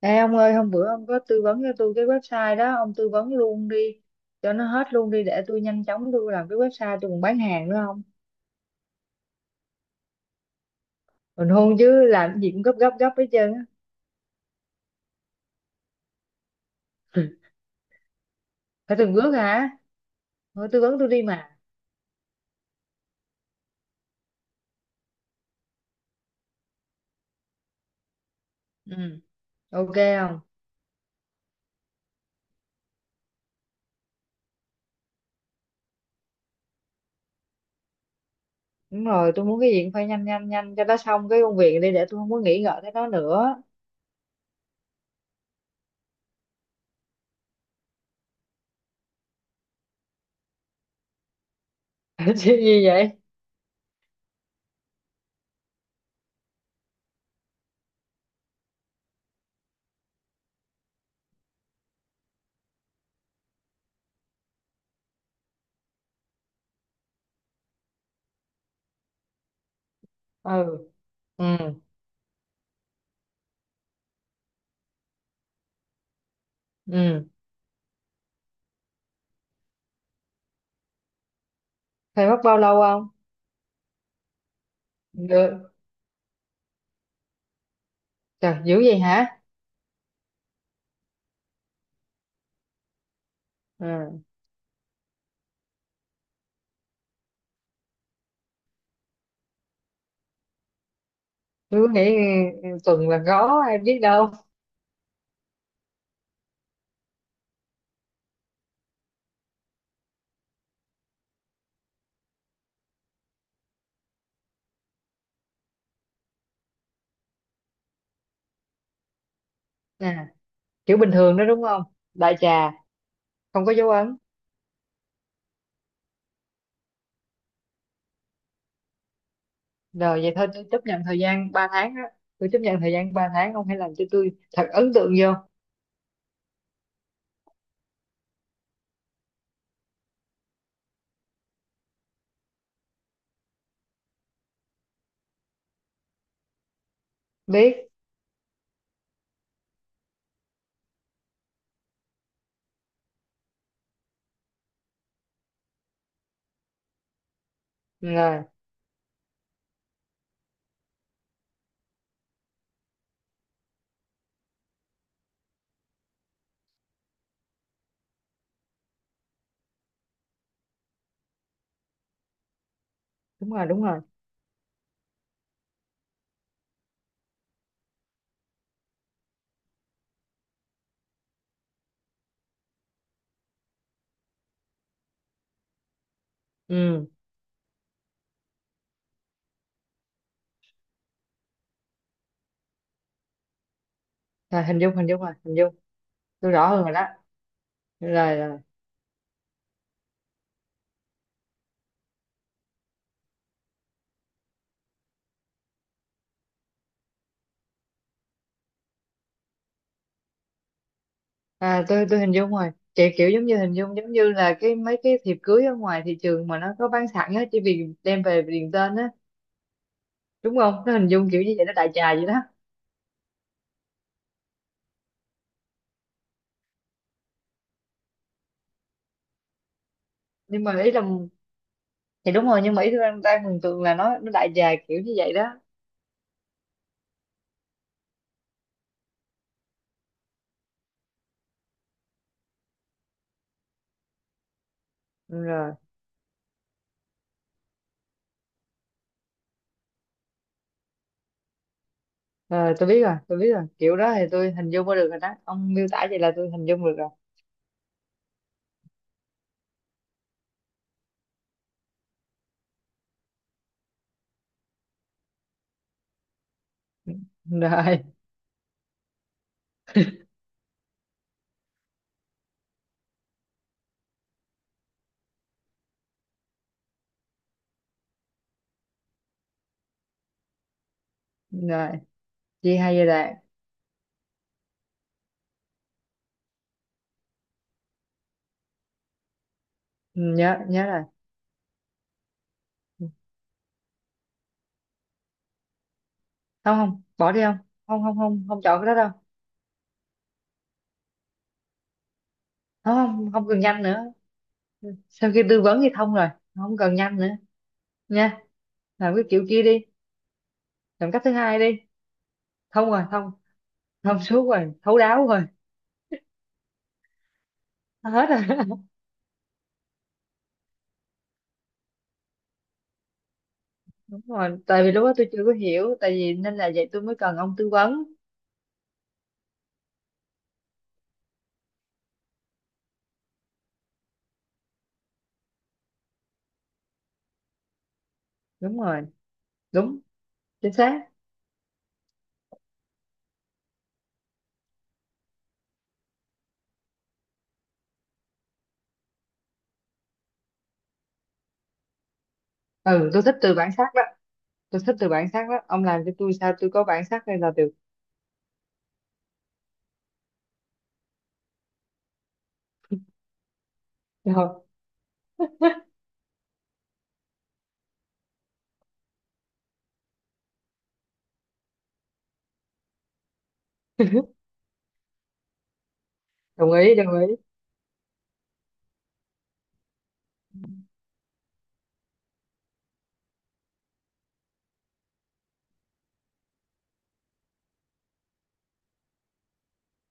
Ê ông ơi, hôm bữa ông có tư vấn cho tôi cái website đó, ông tư vấn luôn đi, cho nó hết luôn đi để tôi nhanh chóng tôi làm cái website tôi còn bán hàng nữa không? Còn hôn chứ làm cái gì cũng gấp gấp gấp hết trơn á. Phải từng bước hả? Thôi tư vấn tôi đi mà. Ừ, ok không? Đúng rồi, tôi muốn cái gì cũng phải nhanh nhanh nhanh cho nó xong cái công việc đi để tôi không có nghĩ ngợi tới nó nữa. Chứ gì vậy? Ừ, ừ, ừ. Phải mất bao lâu không? Được. Trời, dữ vậy hả? Ừ. Tôi cứ nghĩ tuần là có, ai biết đâu. Nè. Kiểu bình thường đó đúng không? Đại trà, không có dấu ấn. Rồi vậy thôi, tôi chấp nhận thời gian 3 tháng á, tôi chấp nhận thời gian 3 tháng, ông hãy làm cho tôi thật ấn tượng vô. Biết rồi. Đúng rồi, đúng rồi. Ừ. Rồi, hình dung, hình dung rồi, hình dung. Tôi rõ hơn rồi đó. Rồi, rồi. À, tôi hình dung rồi, kiểu kiểu giống như hình dung giống như là cái mấy cái thiệp cưới ở ngoài thị trường mà nó có bán sẵn á, chỉ vì đem về điền tên á. Đúng không? Nó hình dung kiểu như vậy, nó đại trà vậy đó. Nhưng mà ý là, thì đúng rồi, nhưng mà ý tôi đang mường tượng là nó đại trà kiểu như vậy đó. Ừ, rồi. Ờ, tôi biết rồi, tôi biết rồi. Kiểu đó thì tôi hình dung ra được rồi đó. Ông miêu tả vậy là tôi hình dung được rồi. Rồi, rồi. Chia hai giai đoạn. Ừ, nhớ, nhớ rồi. Không, không, bỏ đi không? Không, không, không, không chọn cái đó đâu. Không, không, không cần nhanh nữa. Sau khi tư vấn thì thông rồi. Không cần nhanh nữa. Nha. Làm cái kiểu kia đi. Làm cách thứ hai đi. Thông rồi, thông. Thông suốt rồi, thấu đáo rồi. Hết rồi. Đúng rồi. Tại vì lúc đó tôi chưa có hiểu. Tại vì nên là vậy tôi mới cần ông tư vấn. Đúng rồi. Đúng. Chính xác. Ừ, tôi thích từ bản sắc đó. Tôi thích từ bản sắc đó, ông làm cho tôi sao tôi có bản sắc hay là được. Rồi, đồng ý, đồng ý.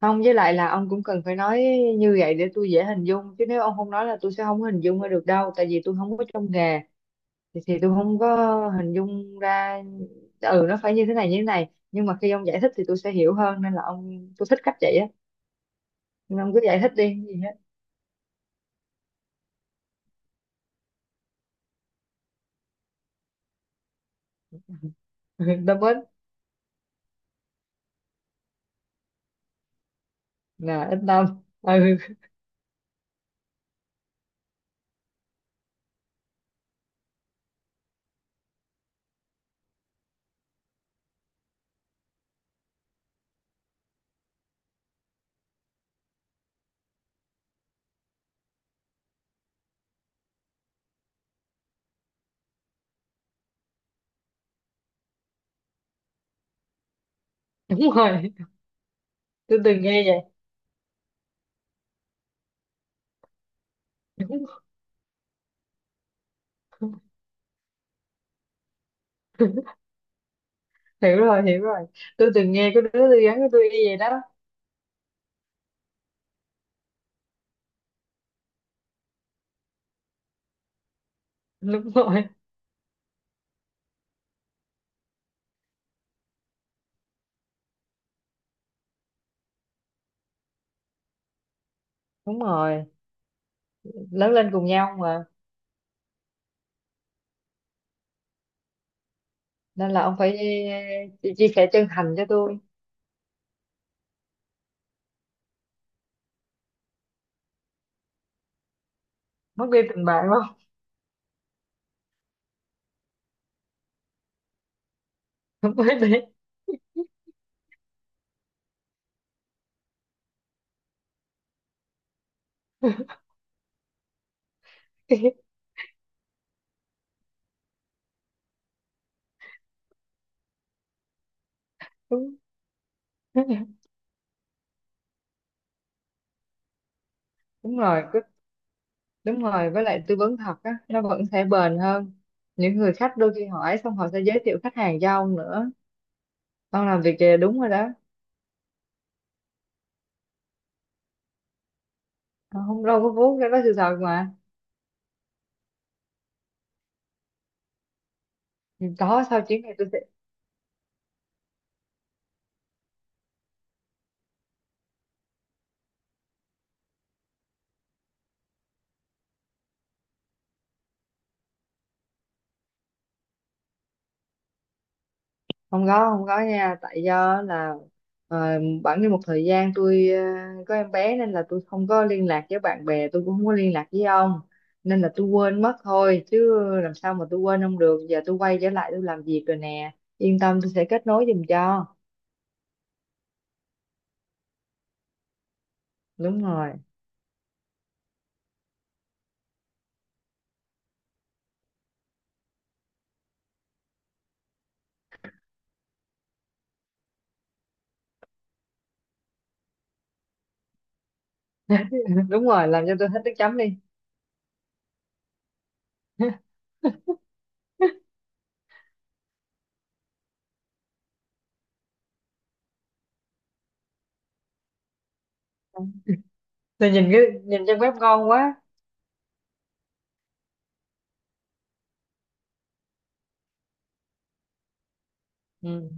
Không, với lại là ông cũng cần phải nói như vậy để tôi dễ hình dung, chứ nếu ông không nói là tôi sẽ không có hình dung ra được đâu, tại vì tôi không có trong nghề, thì tôi không có hình dung ra. Ừ, nó phải như thế này, như thế này, nhưng mà khi ông giải thích thì tôi sẽ hiểu hơn, nên là ông, tôi thích cách vậy á. Nên ông cứ giải thích đi gì hết. Ừ, tâm ích. Là ít tâm. Ừ. Đúng rồi. Tôi từng nghe vậy. Đúng. Hiểu rồi, hiểu rồi. Tôi từng nghe có đứa tôi gắn với tôi y vậy đó. Đúng rồi, đúng rồi. Lớn lên cùng nhau mà, nên là ông phải chia sẻ chân thành cho tôi. Mất đi tình bạn không? Không phải đi. Đúng. Đúng rồi, cứ-. Đúng rồi, với lại tư vấn thật á nó vẫn sẽ bền hơn. Những người khách đôi khi hỏi xong họ sẽ giới thiệu khách hàng cho ông nữa. Ông làm việc kìa, đúng rồi đó. Ông không đâu, có vốn ra đó, sự thật mà. Có, sau chuyến này tôi sẽ. Không có, không có nha, tại do là ờ, bẵng đi một thời gian tôi có em bé, nên là tôi không có liên lạc với bạn bè, tôi cũng không có liên lạc với ông, nên là tôi quên mất thôi, chứ làm sao mà tôi quên ông được. Giờ tôi quay trở lại tôi làm việc rồi nè, yên tâm, tôi sẽ kết nối giùm cho. Đúng rồi. Đúng rồi, làm cho tôi hết nước chấm đi. Tôi nhìn cái nhìn trang web ngon quá. Ừ.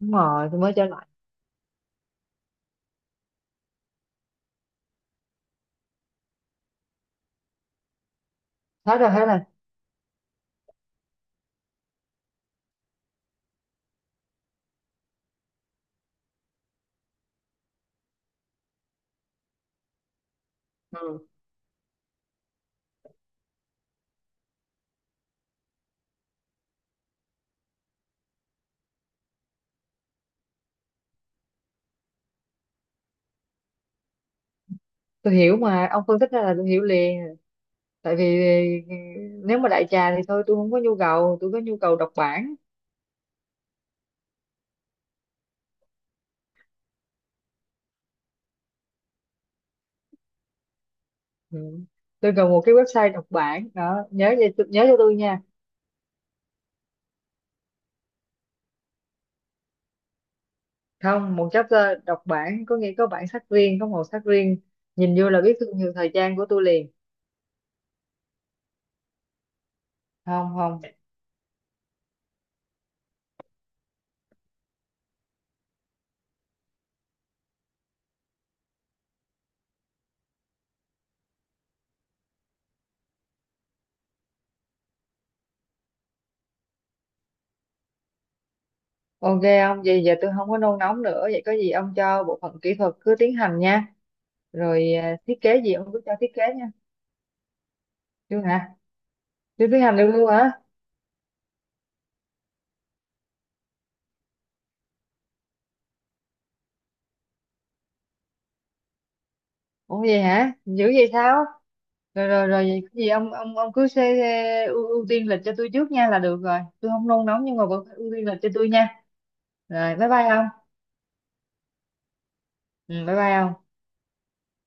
Đúng rồi, tôi mới trở lại. Hết rồi, hết rồi. Ừ. Tôi hiểu mà, ông phân tích ra là tôi hiểu liền. Tại vì ờ, nếu mà đại trà thì thôi tôi không có nhu cầu, tôi có nhu cầu đọc bản. Ừ. Tôi cần một cái website đọc bản đó, nhớ vậy nhớ cho tôi nha. Không, một chapter đọc bản, có nghĩa có bản sắc riêng, có màu sắc riêng. Nhìn vô là biết thương hiệu thời trang của tôi liền. Không, không. Ok. Ông vậy giờ tôi không có nôn nóng nữa, vậy có gì ông cho bộ phận kỹ thuật cứ tiến hành nha. Rồi à, thiết kế gì ông cứ cho thiết kế nha. Chưa hả? Chưa tiến hành được luôn hả? Ủa vậy hả? Dữ vậy sao? Rồi, rồi, rồi, vậy có gì ông cứ xê, xê, ưu tiên lịch cho tôi trước nha là được rồi. Tôi không nôn nóng nhưng mà vẫn phải ưu tiên lịch cho tôi nha. Rồi bye bye ông. Ừ bye bye ông.